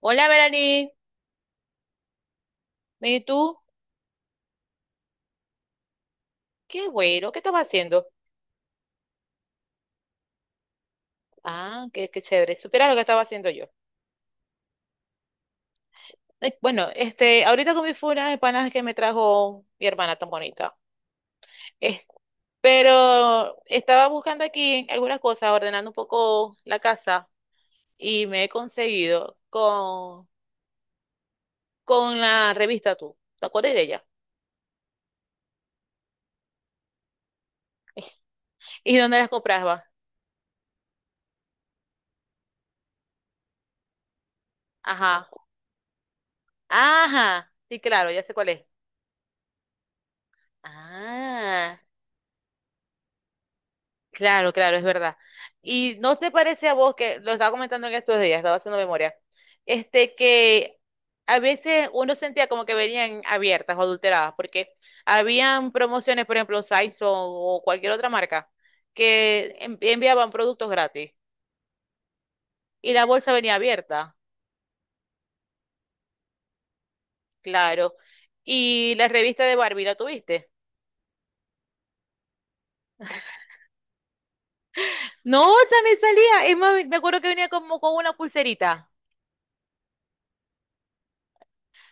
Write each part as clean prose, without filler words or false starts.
Hola, Melanie. ¿Y tú? Qué güero, ¿qué estabas haciendo? Ah, qué chévere. Supieras lo que estaba haciendo yo. Bueno, este, ahorita comí fue una empanadas que me trajo mi hermana tan bonita. Es- pero estaba buscando aquí algunas cosas, ordenando un poco la casa y me he conseguido con la revista Tú. ¿Te acuerdas de ella? ¿Y dónde las comprabas? Ajá. Ajá. Sí, claro, ya sé cuál es. Ah. Claro, claro, es verdad. ¿Y no te parece a vos? Que lo estaba comentando en estos días, estaba haciendo memoria, este, que a veces uno sentía como que venían abiertas o adulteradas, porque habían promociones, por ejemplo, Saison o cualquier otra marca, que enviaban productos gratis y la bolsa venía abierta. Claro. Y la revista de Barbie, ¿la tuviste? No, o sea, me salía, es más, me acuerdo que venía como con una pulserita.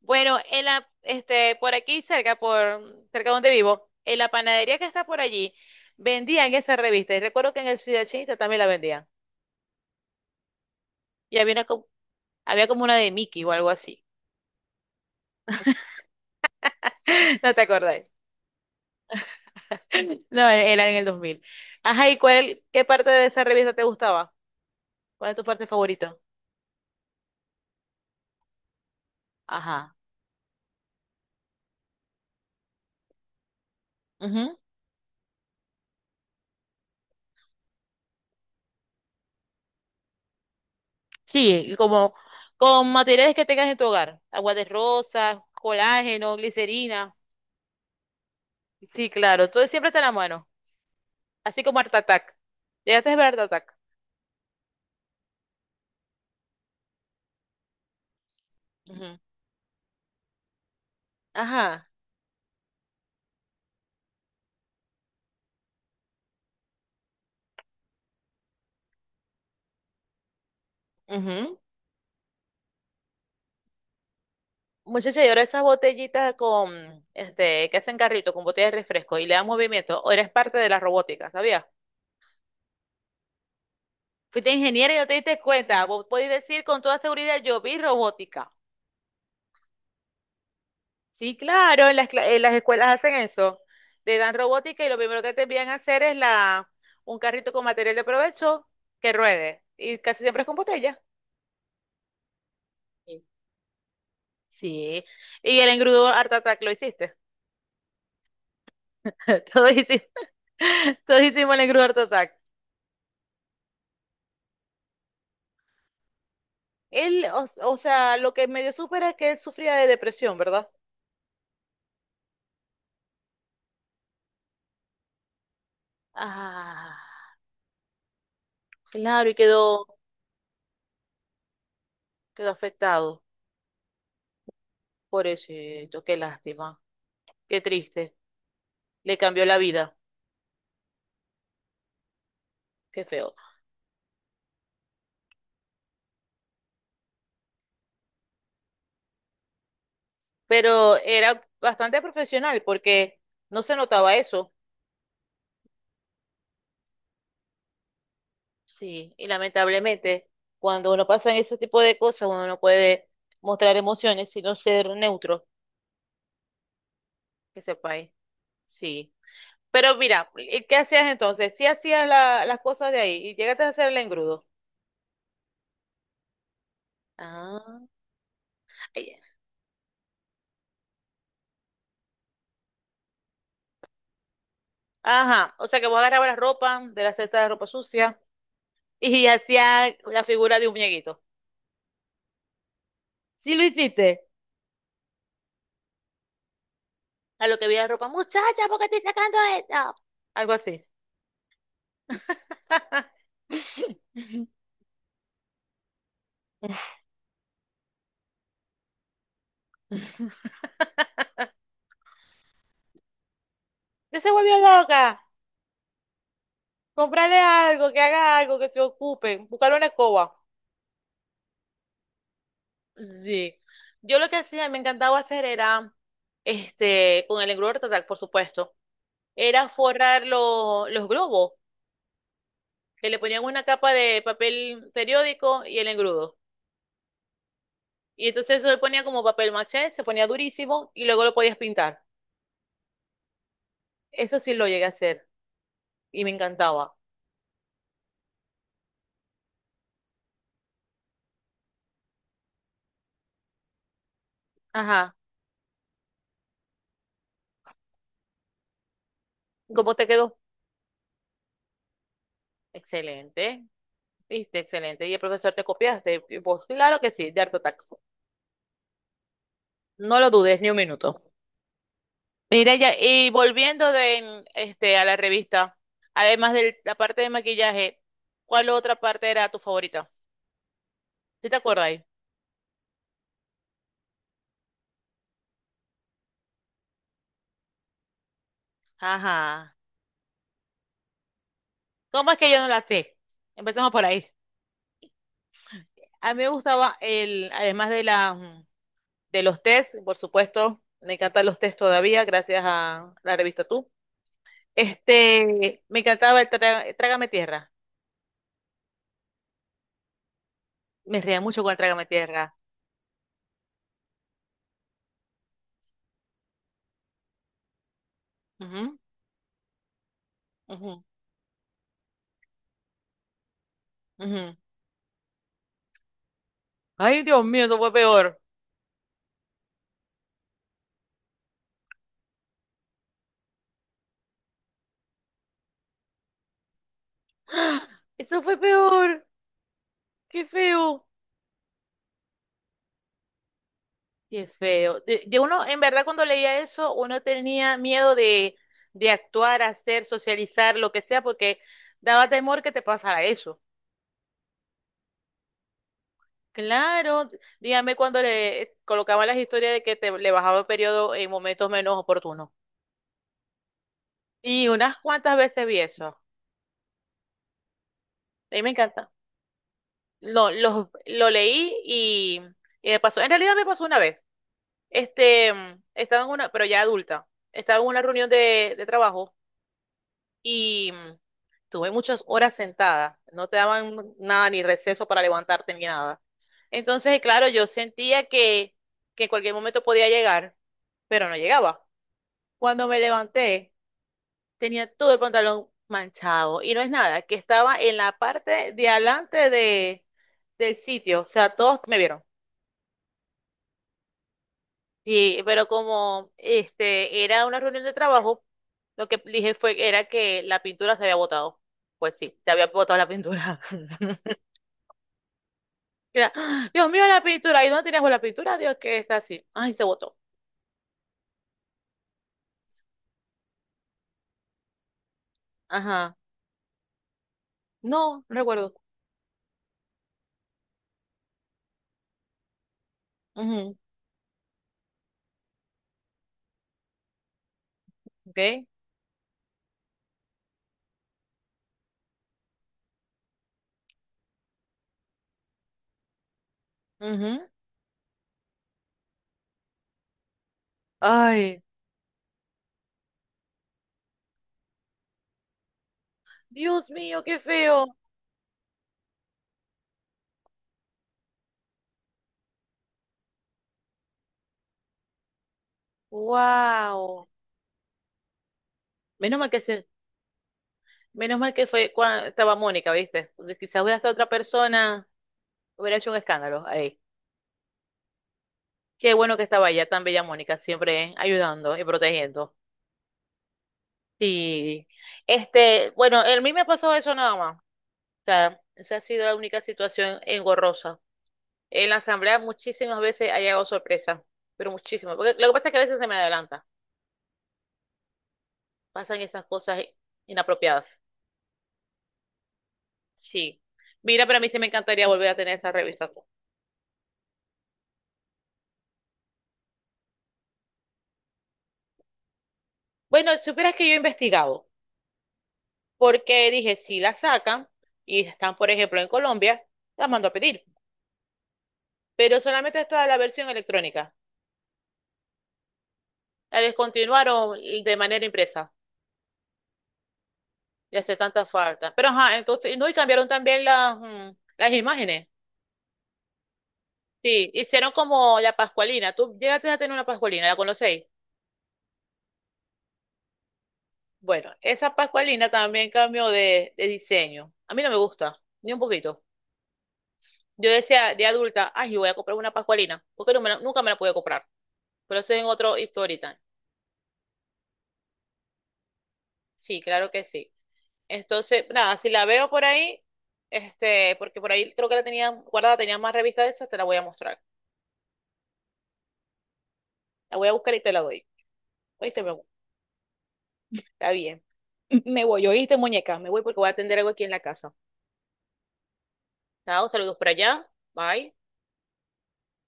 Bueno, este, por aquí cerca, por cerca donde vivo, en la panadería que está por allí, vendían esa revista. Y recuerdo que en el Ciudad Chinita también la vendían. Y había como una de Mickey o algo así. ¿No te acordás? No, era en el 2000. Ajá, ¿y cuál, qué parte de esa revista te gustaba? ¿Cuál es tu parte favorita? Ajá. Ujú. Sí, y como con materiales que tengas en tu hogar. Agua de rosas, colágeno, glicerina. Sí, claro, todo siempre está en la mano. Así como Art Attack. ¿Llegaste a ver Art Attack? Ujú. Ajá. Ujú. Muchacha, y ahora esas botellitas con, este, que hacen carrito, con botellas de refresco y le dan movimiento, o eres parte de la robótica, ¿sabías? Fuiste ingeniera y no te diste cuenta. Vos podés decir con toda seguridad, yo vi robótica. Sí, claro, en las escuelas hacen eso. Te dan robótica y lo primero que te envían a hacer es un carrito con material de provecho que ruede. Y casi siempre es con botella. Sí. Sí. Y el engrudo Art Attack lo hiciste. Todos hicimos, todos hicimos el Gruber Attack. Él, o sea, lo que medio supera es que él sufría de depresión, ¿verdad? Ah. Claro, y quedó afectado. Pobrecito, qué lástima, qué triste. Le cambió la vida, qué feo. Pero era bastante profesional porque no se notaba eso. Sí, y lamentablemente cuando uno pasa en ese tipo de cosas uno no puede mostrar emociones sino ser neutro, que sepáis. Sí. Pero mira, ¿y qué hacías entonces? Sí hacías la- las cosas de ahí y llegaste a hacer el engrudo. Ah, ya. Ajá, o sea que vos agarrabas la ropa de la cesta de ropa sucia y hacías la figura de un muñequito. Sí lo hiciste. A lo que vi la ropa, muchacha, ¿por qué estoy sacando esto? Algo así. Ya se volvió loca. Comprarle algo, que haga algo, que se ocupe. Buscarle una escoba. Sí. Yo lo que hacía, me encantaba hacer era, este, con el engrudo total, por supuesto, era forrar lo- los globos, que le ponían una capa de papel periódico y el engrudo. Y entonces eso le ponía como papel maché, se ponía durísimo y luego lo podías pintar. Eso sí lo llegué a hacer y me encantaba. Ajá. ¿Cómo te quedó? Excelente. Viste, excelente. Y el profesor te copiaste. Y vos, claro que sí, de Art Attack. No lo dudes ni un minuto. Mira, ya, y volviendo este, a la revista, además de la parte de maquillaje, ¿cuál otra parte era tu favorita? ¿Sí te acuerdas ahí? Ajá. ¿Cómo es que yo no la sé? Empecemos por ahí. A mí me gustaba además de los test, por supuesto, me encantan los test todavía, gracias a la revista Tú. Este, me encantaba el Trágame Tierra. Me reía mucho con el Trágame Tierra. Ujú, ujú, ujú. Ay, Dios mío, eso fue peor. ¡Ah! Eso fue peor. Qué feo. Qué feo. De uno, en verdad, cuando leía eso, uno tenía miedo de actuar, hacer, socializar, lo que sea, porque daba temor que te pasara eso. Claro, dígame cuando le colocaban las historias de que te le bajaba el periodo en momentos menos oportunos. Y unas cuantas veces vi eso. A mí me encanta. Lo leí y me pasó. En realidad me pasó una vez. Este, estaba en una, pero ya adulta, estaba en una reunión de trabajo y tuve muchas horas sentada, no te daban nada ni receso para levantarte ni nada. Entonces, claro, yo sentía que en cualquier momento podía llegar, pero no llegaba. Cuando me levanté, tenía todo el pantalón manchado y no es nada, que estaba en la parte de adelante del sitio, o sea, todos me vieron. Sí, pero como este era una reunión de trabajo, lo que dije fue que era que la pintura se había botado. Pues sí, se había botado la pintura. Era, ¡ah! Dios mío, la pintura. ¿Y dónde tenías vos la pintura? Dios, que está así. Ay, se botó. Ajá. No, no recuerdo. Ujú. ¿Ok? Ujú. Ay, Dios mío, qué feo. Wow. Menos mal que se, menos mal que fue cuando estaba Mónica, ¿viste? Porque quizás hubiera estado otra persona, hubiera hecho un escándalo. Qué bueno que estaba allá tan bella Mónica, siempre, ¿eh?, ayudando y protegiendo. Y este, bueno, a mí me ha pasado eso nada más. O sea, esa ha sido la única situación engorrosa. En la asamblea muchísimas veces ha llegado sorpresa, pero muchísimas. Porque lo que pasa es que a veces se me adelanta, pasan esas cosas inapropiadas. Sí. Mira, para mí sí me encantaría volver a tener esa revista. Bueno, supieras que yo he investigado, porque dije, si la sacan y están, por ejemplo, en Colombia, la mando a pedir. Pero solamente está la versión electrónica. La descontinuaron de manera impresa. Y hace tanta falta. Pero ajá, entonces, no, y cambiaron también las imágenes. Sí, hicieron como la Pascualina. Tú llegaste a tener una Pascualina, ¿la conocéis? Bueno, esa Pascualina también cambió de diseño. A mí no me gusta, ni un poquito. Yo decía de adulta, ay, yo voy a comprar una Pascualina, porque no nunca me la pude comprar. Pero eso es en otro story time. Sí, claro que sí. Entonces, nada, si la veo por ahí, este, porque por ahí creo que la tenía guardada, tenía más revistas de esas, te la voy a mostrar. La voy a buscar y te la doy. ¿Oíste, mi amor? Está bien. Me voy, ¿oíste, muñeca? Me voy porque voy a atender algo aquí en la casa. Chao, saludos por allá. Bye.